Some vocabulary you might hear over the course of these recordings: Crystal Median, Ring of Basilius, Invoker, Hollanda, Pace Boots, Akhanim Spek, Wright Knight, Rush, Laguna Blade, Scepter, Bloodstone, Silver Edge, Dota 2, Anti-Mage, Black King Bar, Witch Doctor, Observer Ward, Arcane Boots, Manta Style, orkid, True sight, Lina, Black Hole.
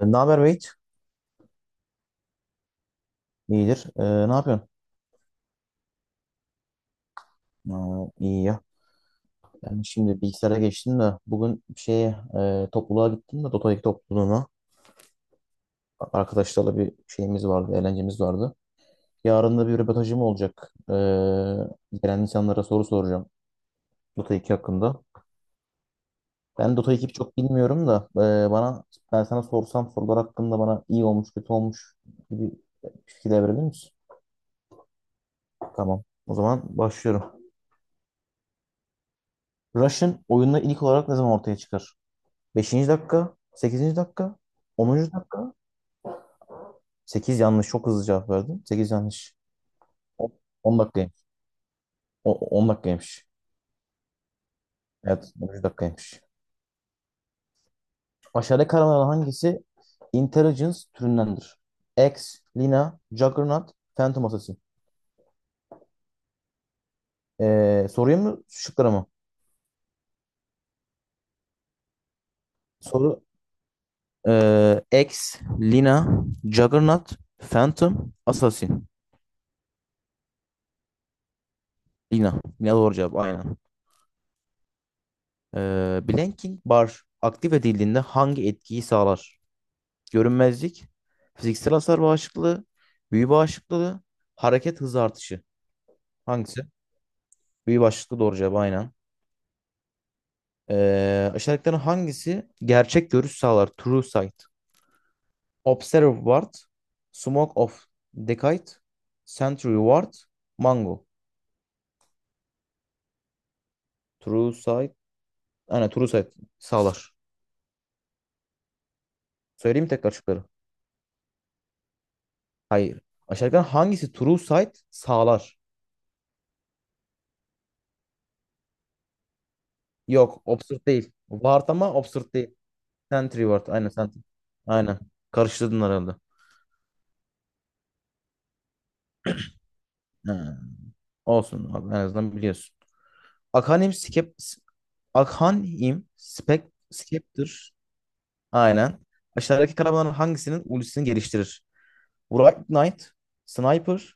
Ne haber Beyt? İyidir. Ne yapıyorsun? Aa, iyi ya. Ben şimdi bilgisayara geçtim de bugün topluluğa gittim de Dota 2 topluluğuna. Arkadaşlarla bir şeyimiz vardı, eğlencemiz vardı. Yarın da bir röportajım olacak. Gelen insanlara soru soracağım Dota 2 hakkında. Ben Dota 2'yi çok bilmiyorum da e, bana ben sana sorsam sorular hakkında bana iyi olmuş, kötü olmuş gibi fikirler verebilir misin? Tamam. O zaman başlıyorum. Rush'ın oyunda ilk olarak ne zaman ortaya çıkar? Beşinci dakika, sekizinci dakika, onuncu dakika. 8 yanlış. Çok hızlı cevap verdim. 8 yanlış. 10 dakikaymış. 10 dakikaymış. Evet, onuncu dakikaymış. Aşağıdaki kavramlardan hangisi Intelligence türündendir? X, Lina, Juggernaut, Phantom Assassin. Soruyu mu, şıkları mı? Soru X, Lina, Juggernaut, Phantom, Assassin. Lina. Lina doğru cevap aynen. Blanking Bar aktif edildiğinde hangi etkiyi sağlar? Görünmezlik, fiziksel hasar bağışıklığı, büyü bağışıklığı, hareket hızı artışı. Hangisi? Büyü bağışıklığı doğru cevap aynen. Aşağıdakilerin hangisi gerçek görüş sağlar? True sight. Observe ward, smoke of decayed, sentry ward, mango. True sight. Aynen true sight sağlar. Söyleyeyim mi tekrar şıkları? Hayır. Aşağıdakilerin hangisi true sight sağlar? Yok, obsürt değil. Ward ama obsürt değil. Sentry Ward. Aynen Sentry. Aynen. Karıştırdın herhalde. Ha, olsun abi en azından biliyorsun. Akhanim Skep Akhanim Spek Scepter. Aynen. Aşağıdaki kahramanların hangisinin ultisini geliştirir? Wright Knight, Sniper,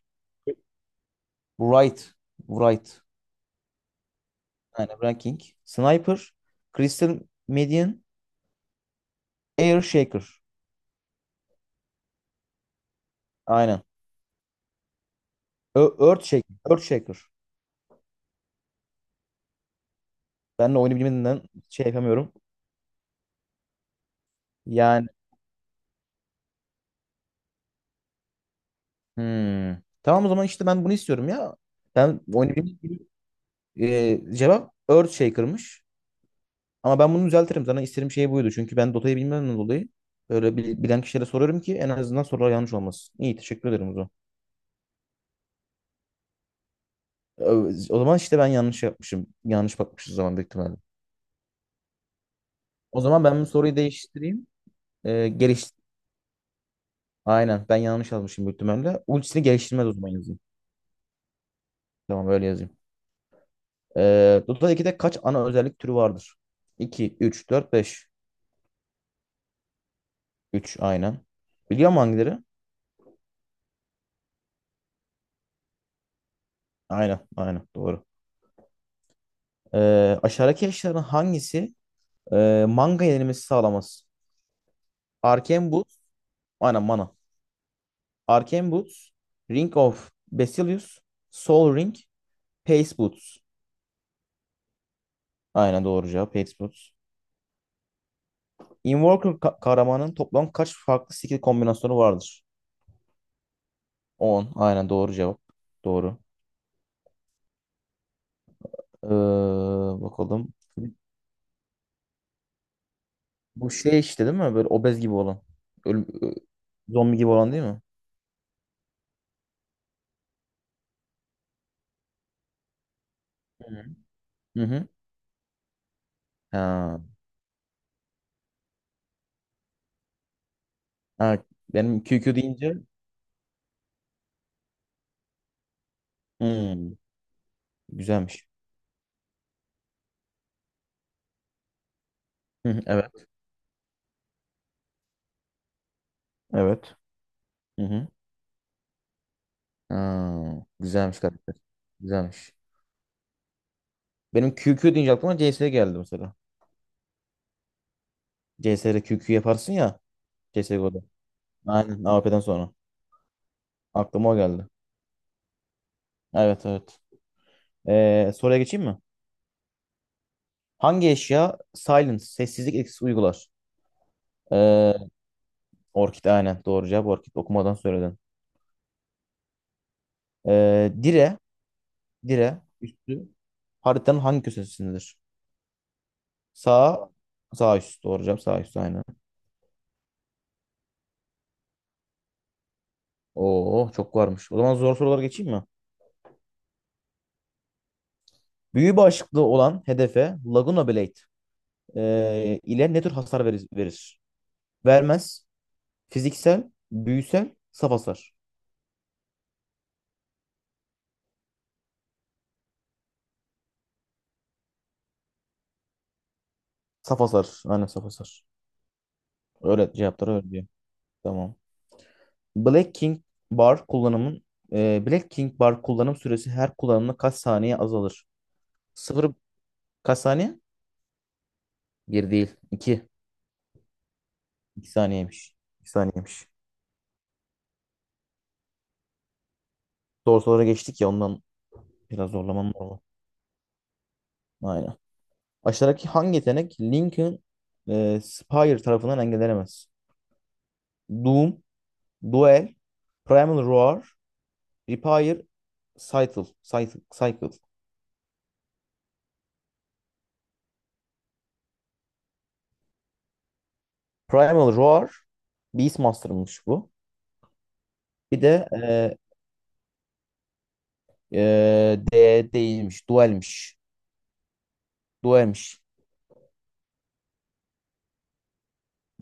Wright, Wright. Aynen Ranking. Sniper, Crystal Median, Air Shaker. Aynen. Earth Shaker. Earth Shaker. Ben de oyunu bilmediğimden şey yapamıyorum. Yani. Hmm. Tamam o zaman işte ben bunu istiyorum ya. Ben oynayabildiğim gibi cevap Earthshaker'mış. Ama ben bunu düzeltirim. Zaten istediğim şey buydu. Çünkü ben Dota'yı bilmemden dolayı böyle bilen kişilere soruyorum ki en azından sorular yanlış olmasın. İyi, teşekkür ederim o zaman. O zaman işte ben yanlış yapmışım. Yanlış bakmışız o zaman büyük ihtimalle. O zaman ben bu soruyu değiştireyim. Geliş... Aynen ben yanlış yazmışım büyük ihtimalle. Ultisini geliştirmez o zaman yazayım. Tamam öyle yazayım. Dota 2'de kaç ana özellik türü vardır? İki üç, dört, beş. Üç, aynen. Biliyor musun hangileri? Aynen, aynen doğru. Aşağıdaki eşyaların hangisi manga yenilmesi sağlamaz? Arcane Boots. Aynen mana. Arcane Boots. Ring of Basilius. Soul Ring. Pace Boots. Aynen doğru cevap. Pace Boots. Invoker kahramanın toplam kaç farklı skill kombinasyonu vardır? On, aynen doğru cevap. Doğru. Ee, bakalım. Bu şey işte değil mi? Böyle obez gibi olan. Ölüm, ö- zombi gibi olan değil mi? Hı hı. Hı hı. Ha. Ha, benim QQ deyince. Hmm, güzelmiş. Hı hı, evet. Evet. Hı hı. Ha, güzelmiş karakter. Güzelmiş. Benim QQ deyince aklıma CS geldi mesela. CS'de QQ yaparsın ya, CS:GO'da. Aynen, AWP'den sonra. Aklıma o geldi. Evet, evet. Soruya geçeyim mi? Hangi eşya silence, sessizlik etkisi uygular? Ee, orkid, aynen doğru cevap. Orkid, okumadan söyledin. Ee, dire, dire üstü haritanın hangi köşesindedir? Sağ. Sağ üst. Doğru cevap sağ üst aynen. Oo, çok varmış. O zaman zor sorulara geçeyim mi? Büyü başlıklı olan hedefe Laguna Blade ile ne tür hasar verir? Vermez. Fiziksel, büyüsel, saf hasar. Saf hasar. Aynen saf hasar. Öyle cevapları öyle diyor. Tamam. Black King Bar kullanımın Black King Bar kullanım süresi her kullanımda kaç saniye azalır? Sıfır kaç saniye? Bir değil. İki. 2 saniyeymiş. 2 saniyeymiş. Doğru sorulara geçtik ya ondan. Biraz zorlaman normal. Aynen. Aşağıdaki hangi yetenek Lincoln Spire tarafından engellenemez? Doom, Duel, Primal Roar, Repair, Cycle. Cycle. Cycle. Primal Roar, Beastmaster'mış bu. Bir de e, D değilmiş, Duel'miş. Duel'miş.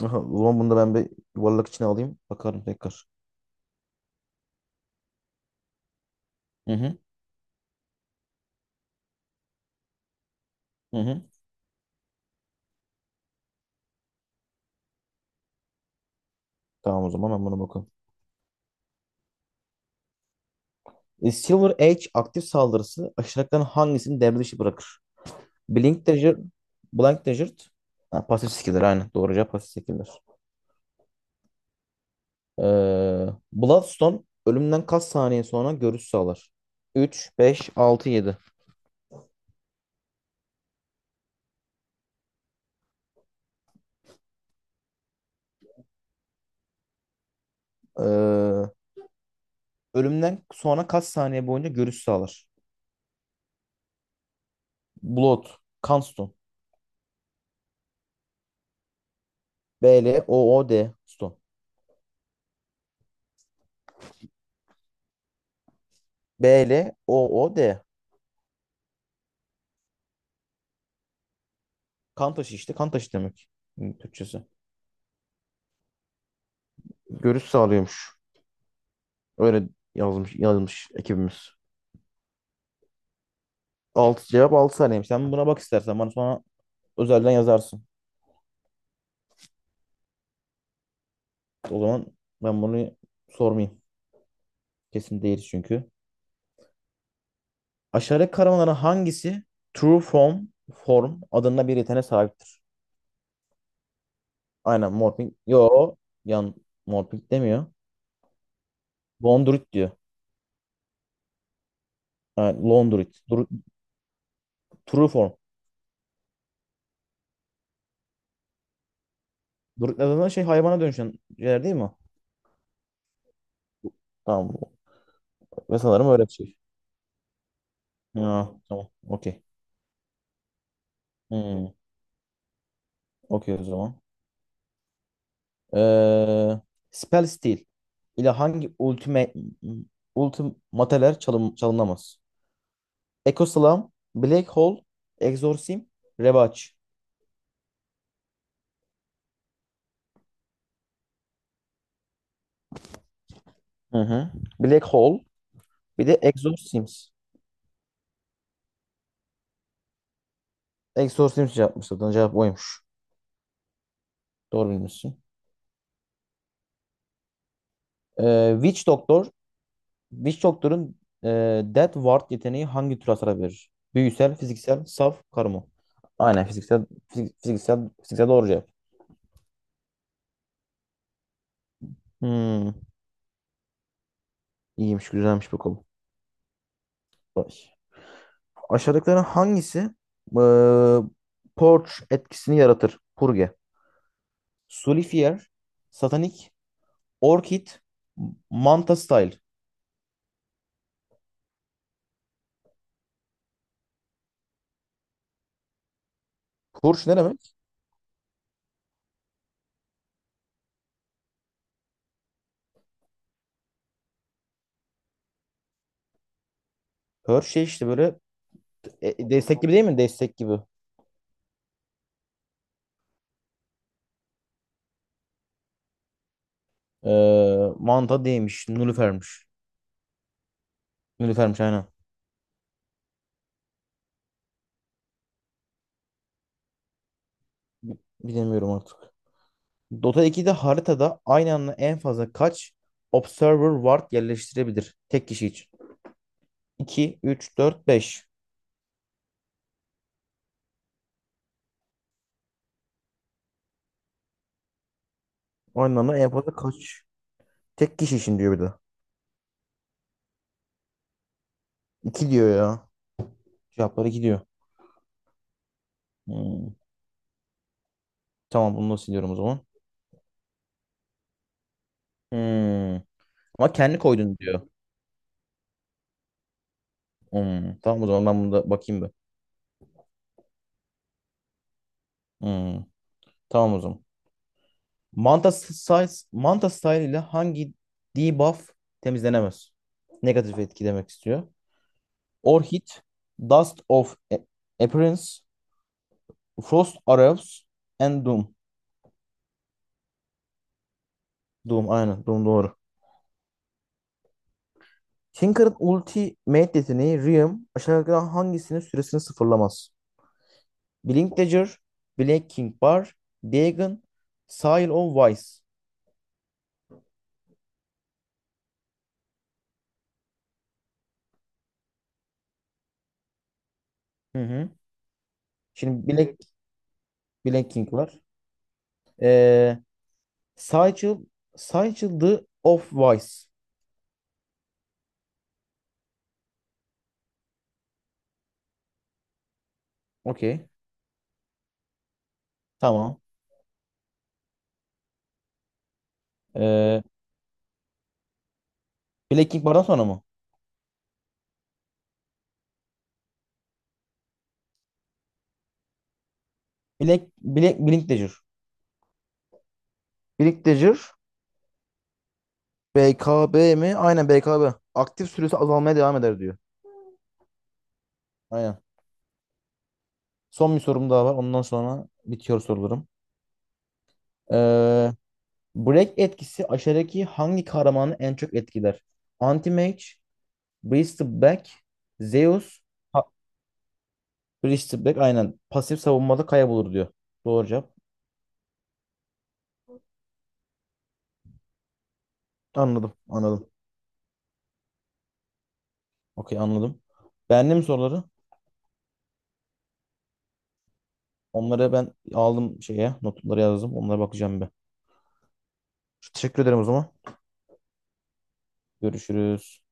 Aha, o zaman bunu da ben bir yuvarlak içine alayım. Bakarım tekrar. Hı hı. Hı hı. Tamam o zaman ben buna bakalım. Silver Edge aktif saldırısı aşağıdakilerin hangisini devre dışı bırakır? Blink Desert, Blank Desert. Ha, pasif skiller aynen. Doğruca pasif skiller. Ee, Bloodstone ölümden kaç saniye sonra görüş sağlar? 3, 5, 6, 7. Ee, ölümden sonra kaç saniye boyunca görüş sağlar? Blood, kan stone. B L O O D stone. B L O O D, kan taşı işte. Kan taşı demek. Türkçesi. Görüş sağlıyormuş. Öyle yazmış ekibimiz. 6 cevap 6 saniyeymiş. Sen buna bak istersen. Bana sonra özelden yazarsın. O zaman ben bunu sormayayım. Kesin değil çünkü. Aşağıdaki karavanların hangisi True Form adında bir yeteneğe sahiptir? Aynen Morphing. Yo, yan Morphing demiyor. Londrit diyor. Yani Londrit. Dur- True Form. Druid adında şey hayvana dönüşen şeyler değil mi? Tamam. Ve sanırım öyle bir şey. Ha, tamam. Okey. Hmm, okey o zaman. Ee, Spell Steel ile hangi ultimateler çalınamaz? Ecoslam, Black Hole, Exorcism, Rebaç. Hı hı. Black Hole, bir de Exorcisms. Exorcisms yapmış zaten. Cevap oymuş. Doğru bilmişsin. Ee, Witch Doctor, Witch Doctor'un e, Death Ward yeteneği hangi tür hasar verir? Büyüsel, fiziksel, saf, karma. Aynen fiziksel, fiziksel doğru cevap. Hmm, iyiymiş, güzelmiş bu konu. Vay. Aşağıdakilerin hangisi e, Purge etkisini yaratır? Purge. Sullifier, Satanik, Orchid Manta Style. Kurş ne demek? Her şey işte böyle destek gibi değil mi? Destek gibi. Manta değilmiş. Nülüfermiş. Nülüfermiş aynen. Bilemiyorum artık. Dota 2'de haritada aynı anda en fazla kaç Observer Ward yerleştirebilir? Tek kişi için. 2, 3, 4, 5. Aynı anda en fazla kaç? Tek kişi için diyor bir de. 2 diyor ya. Cevapları 2 diyor. Hmm. Tamam bunu da siliyorum o zaman. Hmm. Ama kendi koydun diyor. Tamam o zaman ben bunu da bakayım bir. Hmm, tamam o zaman. Manta style ile hangi debuff temizlenemez? Negatif etki demek istiyor. Orchid, Dust of Appearance, Frost Arrows and Doom. Doom aynen, Doom doğru. Tinker'ın ultimate yeteneği Riem aşağıdakilerden hangisinin süresini sıfırlamaz? Blink Dagger, Black King Bar, Dagon, Seal of Wise. Hı hı. Şimdi Black King var. Ee, Sigil, Sigil the of Vice. Okey. Tamam. Ee, Black King Bar'dan sonra mı? Blink Dagger. Blink Dagger. BKB mi? Aynen BKB. Aktif süresi azalmaya devam eder diyor. Aynen. Son bir sorum daha var. Ondan sonra bitiyor sorularım. Ee, Break etkisi aşağıdaki hangi kahramanı en çok etkiler? Anti-Mage, Priest of Black, Zeus, ha, Priest of Black aynen. Pasif savunmada kaybolur diyor. Doğru cevap. Anladım, anladım. Okey anladım. Beğendin mi soruları? Onları ben aldım şeye. Notları yazdım. Onlara bakacağım bir. Teşekkür ederim o zaman. Görüşürüz.